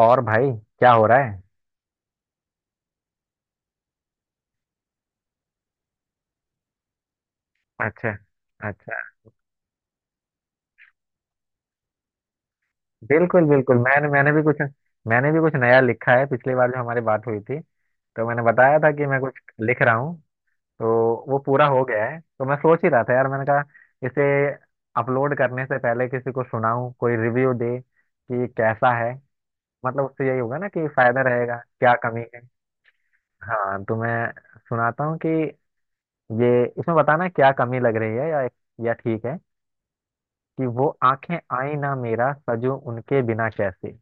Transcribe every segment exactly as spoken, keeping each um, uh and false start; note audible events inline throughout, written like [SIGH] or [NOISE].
और भाई क्या हो रहा है। अच्छा। अच्छा। बिल्कुल बिल्कुल मैंने मैंने भी कुछ मैंने भी कुछ नया लिखा है। पिछली बार जो हमारी बात हुई थी तो मैंने बताया था कि मैं कुछ लिख रहा हूँ। तो वो पूरा हो गया है तो मैं सोच ही रहा था यार मैंने कहा इसे अपलोड करने से पहले किसी को सुनाऊं कोई रिव्यू दे कि कैसा है। मतलब उससे यही होगा ना कि फायदा रहेगा क्या कमी है। हाँ तो मैं सुनाता हूँ कि ये इसमें बताना क्या कमी लग रही है, या या ठीक है कि वो आंखें आई ना मेरा सजो उनके बिना कैसे।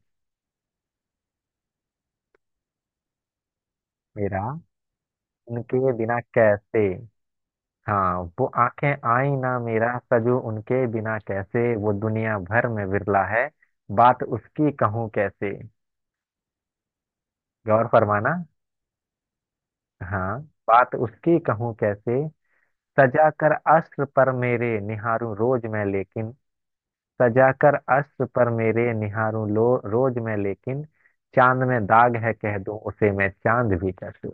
मेरा उनके बिना कैसे। हाँ वो आंखें आई ना मेरा सजो उनके बिना कैसे, वो दुनिया भर में विरला है। बात उसकी कहूँ कैसे। गौर फरमाना। हाँ बात उसकी कहूँ कैसे। सजा कर अस्त्र पर मेरे निहारूं रोज मैं लेकिन। सजा कर अस्त्र पर मेरे निहारूं लो रोज मैं लेकिन। चांद में दाग है कह दूं उसे मैं चांद भी कह दूं।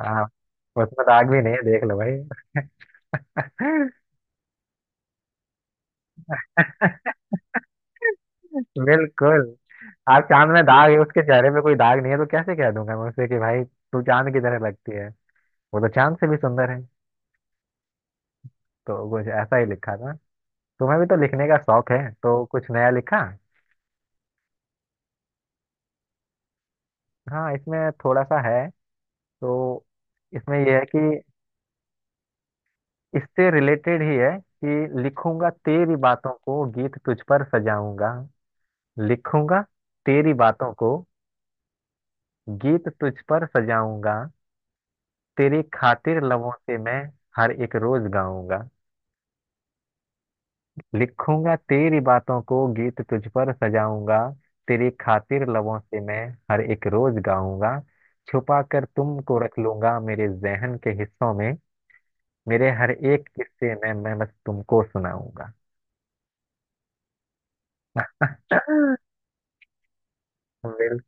हाँ उसमें दाग भी नहीं है देख लो भाई। [LAUGHS] बिल्कुल आप चांद में दाग है उसके चेहरे पे कोई दाग नहीं है तो कैसे कह दूंगा मैं उसे कि भाई तू चांद की तरह लगती है वो तो चांद से भी सुंदर है तो कुछ ऐसा ही लिखा था तुम्हें भी तो लिखने का शौक है तो कुछ नया लिखा हाँ इसमें थोड़ा सा है तो इसमें यह है कि इससे रिलेटेड ही है कि लिखूंगा तेरी बातों को गीत तुझ पर सजाऊंगा लिखूंगा तेरी बातों को गीत तुझ पर सजाऊंगा तेरी खातिर लबों से मैं हर एक रोज गाऊंगा लिखूंगा तेरी बातों को गीत तुझ पर सजाऊंगा तेरी खातिर लबों से मैं हर एक रोज गाऊंगा छुपा कर तुमको रख लूंगा मेरे जहन के हिस्सों में मेरे हर एक किस्से में मैं बस तुमको सुनाऊंगा [LAUGHS] बिल-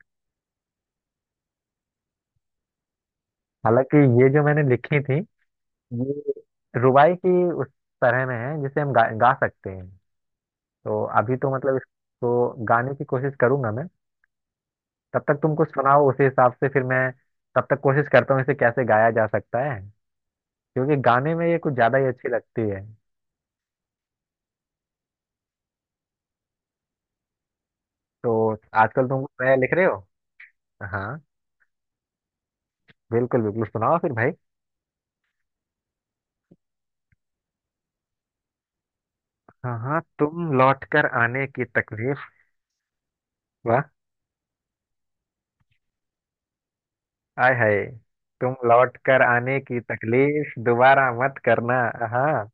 हालांकि ये जो मैंने लिखी थी ये रुबाई की उस तरह में है जिसे हम गा, गा सकते हैं। तो अभी तो मतलब इसको गाने की कोशिश करूंगा मैं। तब तक तुम कुछ सुनाओ उसी हिसाब से फिर मैं तब तक कोशिश करता हूँ इसे कैसे गाया जा सकता है। क्योंकि गाने में ये कुछ ज्यादा ही अच्छी लगती है। तो आजकल तुम कुछ नया लिख रहे हो। हाँ बिल्कुल बिल्कुल सुनाओ फिर भाई। हाँ हाँ तुम लौट कर आने की तकलीफ। वाह, आय हाय, तुम लौट कर आने की तकलीफ दोबारा मत करना। हाँ।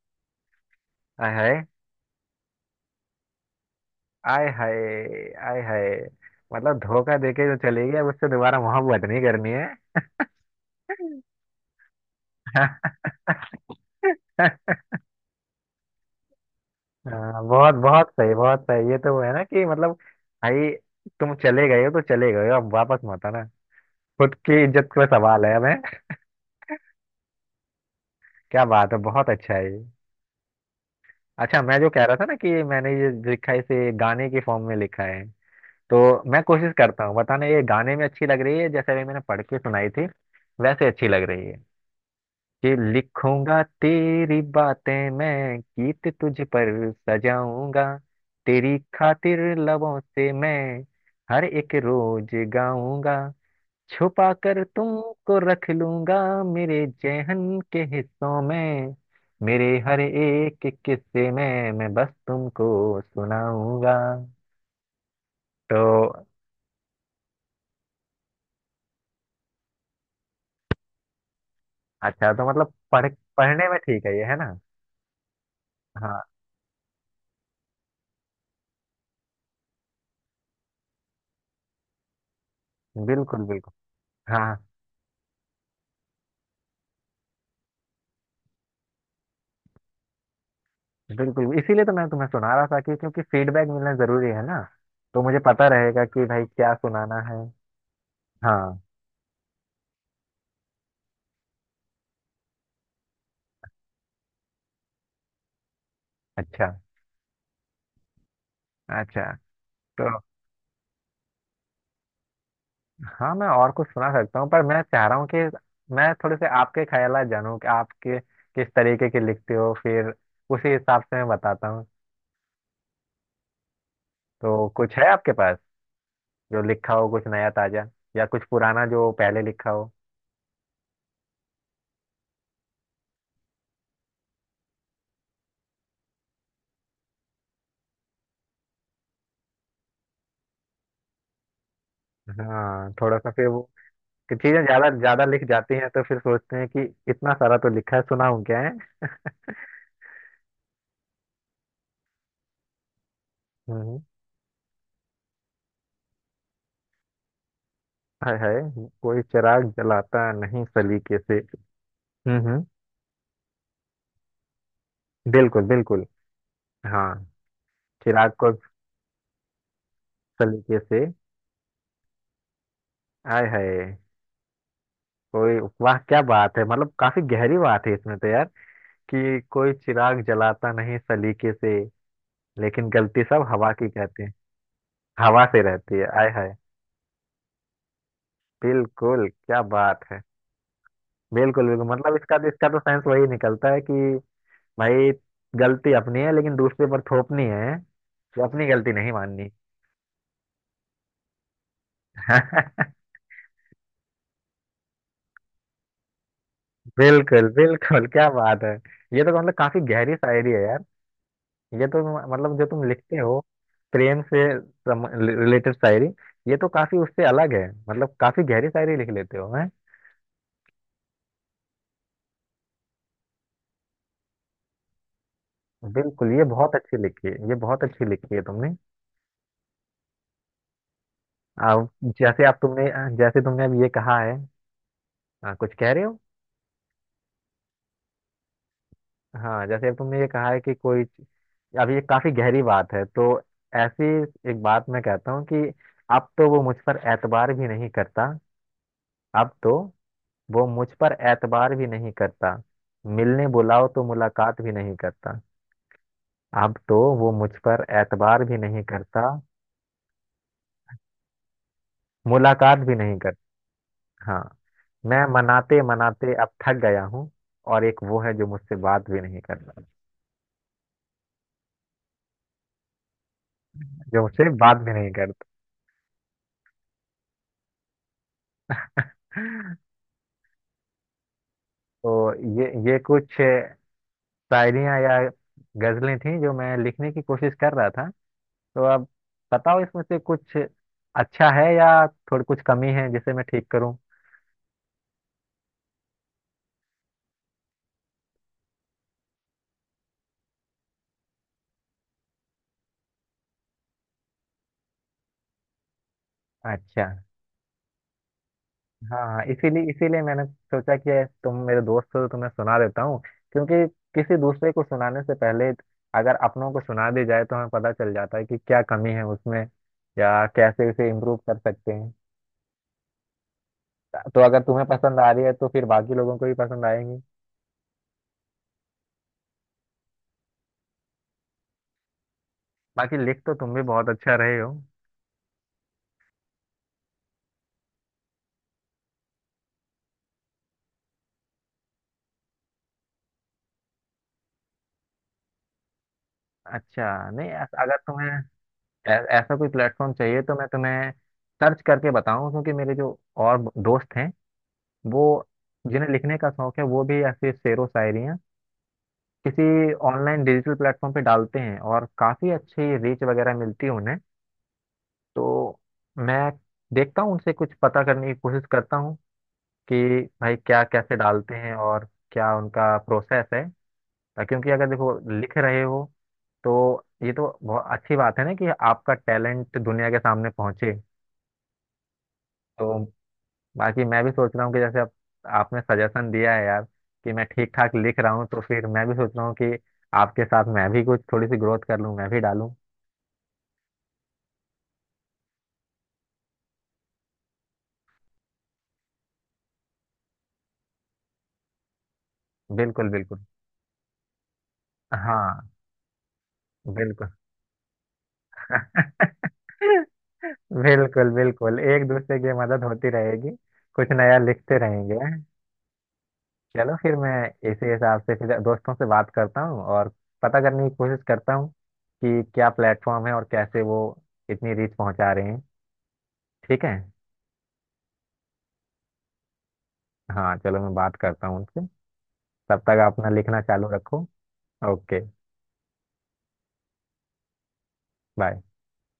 आय हाय, आय हाय, आय हाय। मतलब धोखा देके जो चली गई अब उससे दोबारा मोहब्बत नहीं करनी है। [LAUGHS] हाँ बहुत बहुत सही, बहुत सही, ये तो है ना कि मतलब भाई तुम चले गए हो तो चले गए हो, अब वापस मत आना। खुद की इज्जत का सवाल है मैं। क्या बात है, बहुत अच्छा है ये। अच्छा मैं जो कह रहा था ना कि मैंने ये लिखा है, इसे गाने के फॉर्म में लिखा है। तो मैं कोशिश करता हूँ, बताना ये गाने में अच्छी लग रही है जैसे अभी मैंने पढ़ के सुनाई थी वैसे अच्छी लग रही है। कि लिखूंगा तेरी बातें मैं, गीत तुझ पर सजाऊंगा, तेरी खातिर लबों से मैं हर एक रोज गाऊंगा। छुपा कर तुमको रख लूंगा मेरे जेहन के हिस्सों में, मेरे हर एक किस्से में मैं बस तुमको सुनाऊंगा। तो अच्छा, तो मतलब पढ़ पढ़ने में ठीक है ये, है ना। हाँ। बिल्कुल बिल्कुल। हाँ बिल्कुल, इसीलिए तो मैं तुम्हें सुना रहा था, कि क्योंकि फीडबैक मिलना जरूरी है ना। तो मुझे पता रहेगा कि भाई क्या सुनाना है। हाँ। अच्छा। अच्छा। तो हाँ मैं और कुछ सुना सकता हूँ, पर मैं चाह रहा हूँ कि मैं थोड़े से आपके ख्यालात जानूँ कि आप के, किस तरीके के लिखते हो, फिर उसी हिसाब से मैं बताता हूँ। तो कुछ है आपके पास जो लिखा हो, कुछ नया ताजा या कुछ पुराना जो पहले लिखा हो। हाँ थोड़ा सा फिर वो, कि चीजें ज्यादा ज्यादा लिख जाती हैं तो फिर सोचते हैं कि इतना सारा तो लिखा है, सुनाऊं क्या है। हम्म। हाय हाय, कोई चिराग जलाता नहीं सलीके से। हम्म, हम्म, बिल्कुल बिल्कुल। हाँ, चिराग को सलीके से। हाय हाय, कोई वाह, क्या बात है, मतलब काफी गहरी बात है इसमें तो यार। कि कोई चिराग जलाता नहीं सलीके से लेकिन गलती सब हवा की कहते हैं, हवा से रहती है, हाय हाय। बिल्कुल, क्या बात है। बिल्कुल बिल्कुल, मतलब इसका इसका तो सेंस वही निकलता है कि भाई गलती अपनी है लेकिन दूसरे पर थोपनी है, कि अपनी गलती नहीं माननी। [LAUGHS] बिल्कुल बिल्कुल, क्या बात है। ये तो मतलब काफी गहरी शायरी है यार। ये तो मतलब जो तुम लिखते हो प्रेम से रिलेटेड शायरी, ये तो काफी उससे अलग है, मतलब काफी गहरी शायरी लिख लेते हो हैं। बिल्कुल, ये बहुत अच्छी लिखी है, ये बहुत अच्छी लिखी है तुमने। अब जैसे आप तुमने जैसे तुमने अब ये कहा है। हाँ, कुछ कह रहे हो। हाँ जैसे अब तुमने ये कहा है कि कोई, अब ये काफी गहरी बात है, तो ऐसी एक बात मैं कहता हूँ कि अब तो वो मुझ पर एतबार भी नहीं करता। अब तो वो मुझ पर एतबार भी नहीं करता, मिलने बुलाओ तो मुलाकात भी नहीं करता। अब तो वो मुझ पर एतबार भी नहीं करता, मुलाकात भी नहीं करता। हाँ, मैं मनाते मनाते अब थक गया हूँ, और एक वो है जो मुझसे बात भी नहीं करता, जो मुझसे बात भी नहीं करता। तो ये ये कुछ शायरियाँ या गजलें थी जो मैं लिखने की कोशिश कर रहा था। तो अब बताओ इसमें से कुछ अच्छा है या थोड़ी कुछ कमी है जिसे मैं ठीक करूँ। अच्छा। हाँ इसीलिए इसीलिए मैंने सोचा कि तुम मेरे दोस्त हो तो तुम्हें सुना देता हूँ। क्योंकि किसी दूसरे को सुनाने से पहले अगर अपनों को सुना दी जाए तो हमें पता चल जाता है कि क्या कमी है उसमें या कैसे उसे इम्प्रूव कर सकते हैं। तो अगर तुम्हें पसंद आ रही है तो फिर बाकी लोगों को भी पसंद आएंगी। बाकी लिख तो तुम भी बहुत अच्छा रहे हो। अच्छा, नहीं ऐस- अगर तुम्हें ऐ- ऐसा कोई प्लेटफॉर्म चाहिए तो मैं तुम्हें सर्च करके बताऊं, क्योंकि मेरे जो और दोस्त हैं, वो, जिन्हें लिखने का शौक है, वो भी ऐसे शेरो शायरी किसी ऑनलाइन डिजिटल प्लेटफॉर्म पे डालते हैं और काफ़ी अच्छी रीच वगैरह मिलती है उन्हें। तो मैं देखता हूँ, उनसे कुछ पता करने की कोशिश करता हूँ कि भाई क्या, कैसे डालते हैं और क्या उनका प्रोसेस है। ता- क्योंकि अगर देखो लिख रहे हो तो ये तो बहुत अच्छी बात है ना कि आपका टैलेंट दुनिया के सामने पहुंचे। तो बाकी मैं भी सोच रहा हूँ कि जैसे आप, आपने सजेशन दिया है यार कि मैं ठीक ठाक लिख रहा हूँ, तो फिर मैं भी सोच रहा हूँ कि आपके साथ मैं भी कुछ थोड़ी सी ग्रोथ कर लूँ, मैं भी डालूँ। बिल्कुल बिल्कुल। हाँ। बिल्कुल। [LAUGHS] बिल्कुल बिल्कुल, एक दूसरे की मदद होती रहेगी, कुछ नया लिखते रहेंगे। चलो फिर मैं इसी हिसाब से फिर दोस्तों से बात करता हूँ और पता करने की कोशिश करता हूँ कि क्या प्लेटफॉर्म है और कैसे वो इतनी रीच पहुंचा रहे हैं। ठीक है। हाँ चलो मैं बात करता हूँ उनसे। तब तक अपना लिखना चालू रखो। ओके। बाय।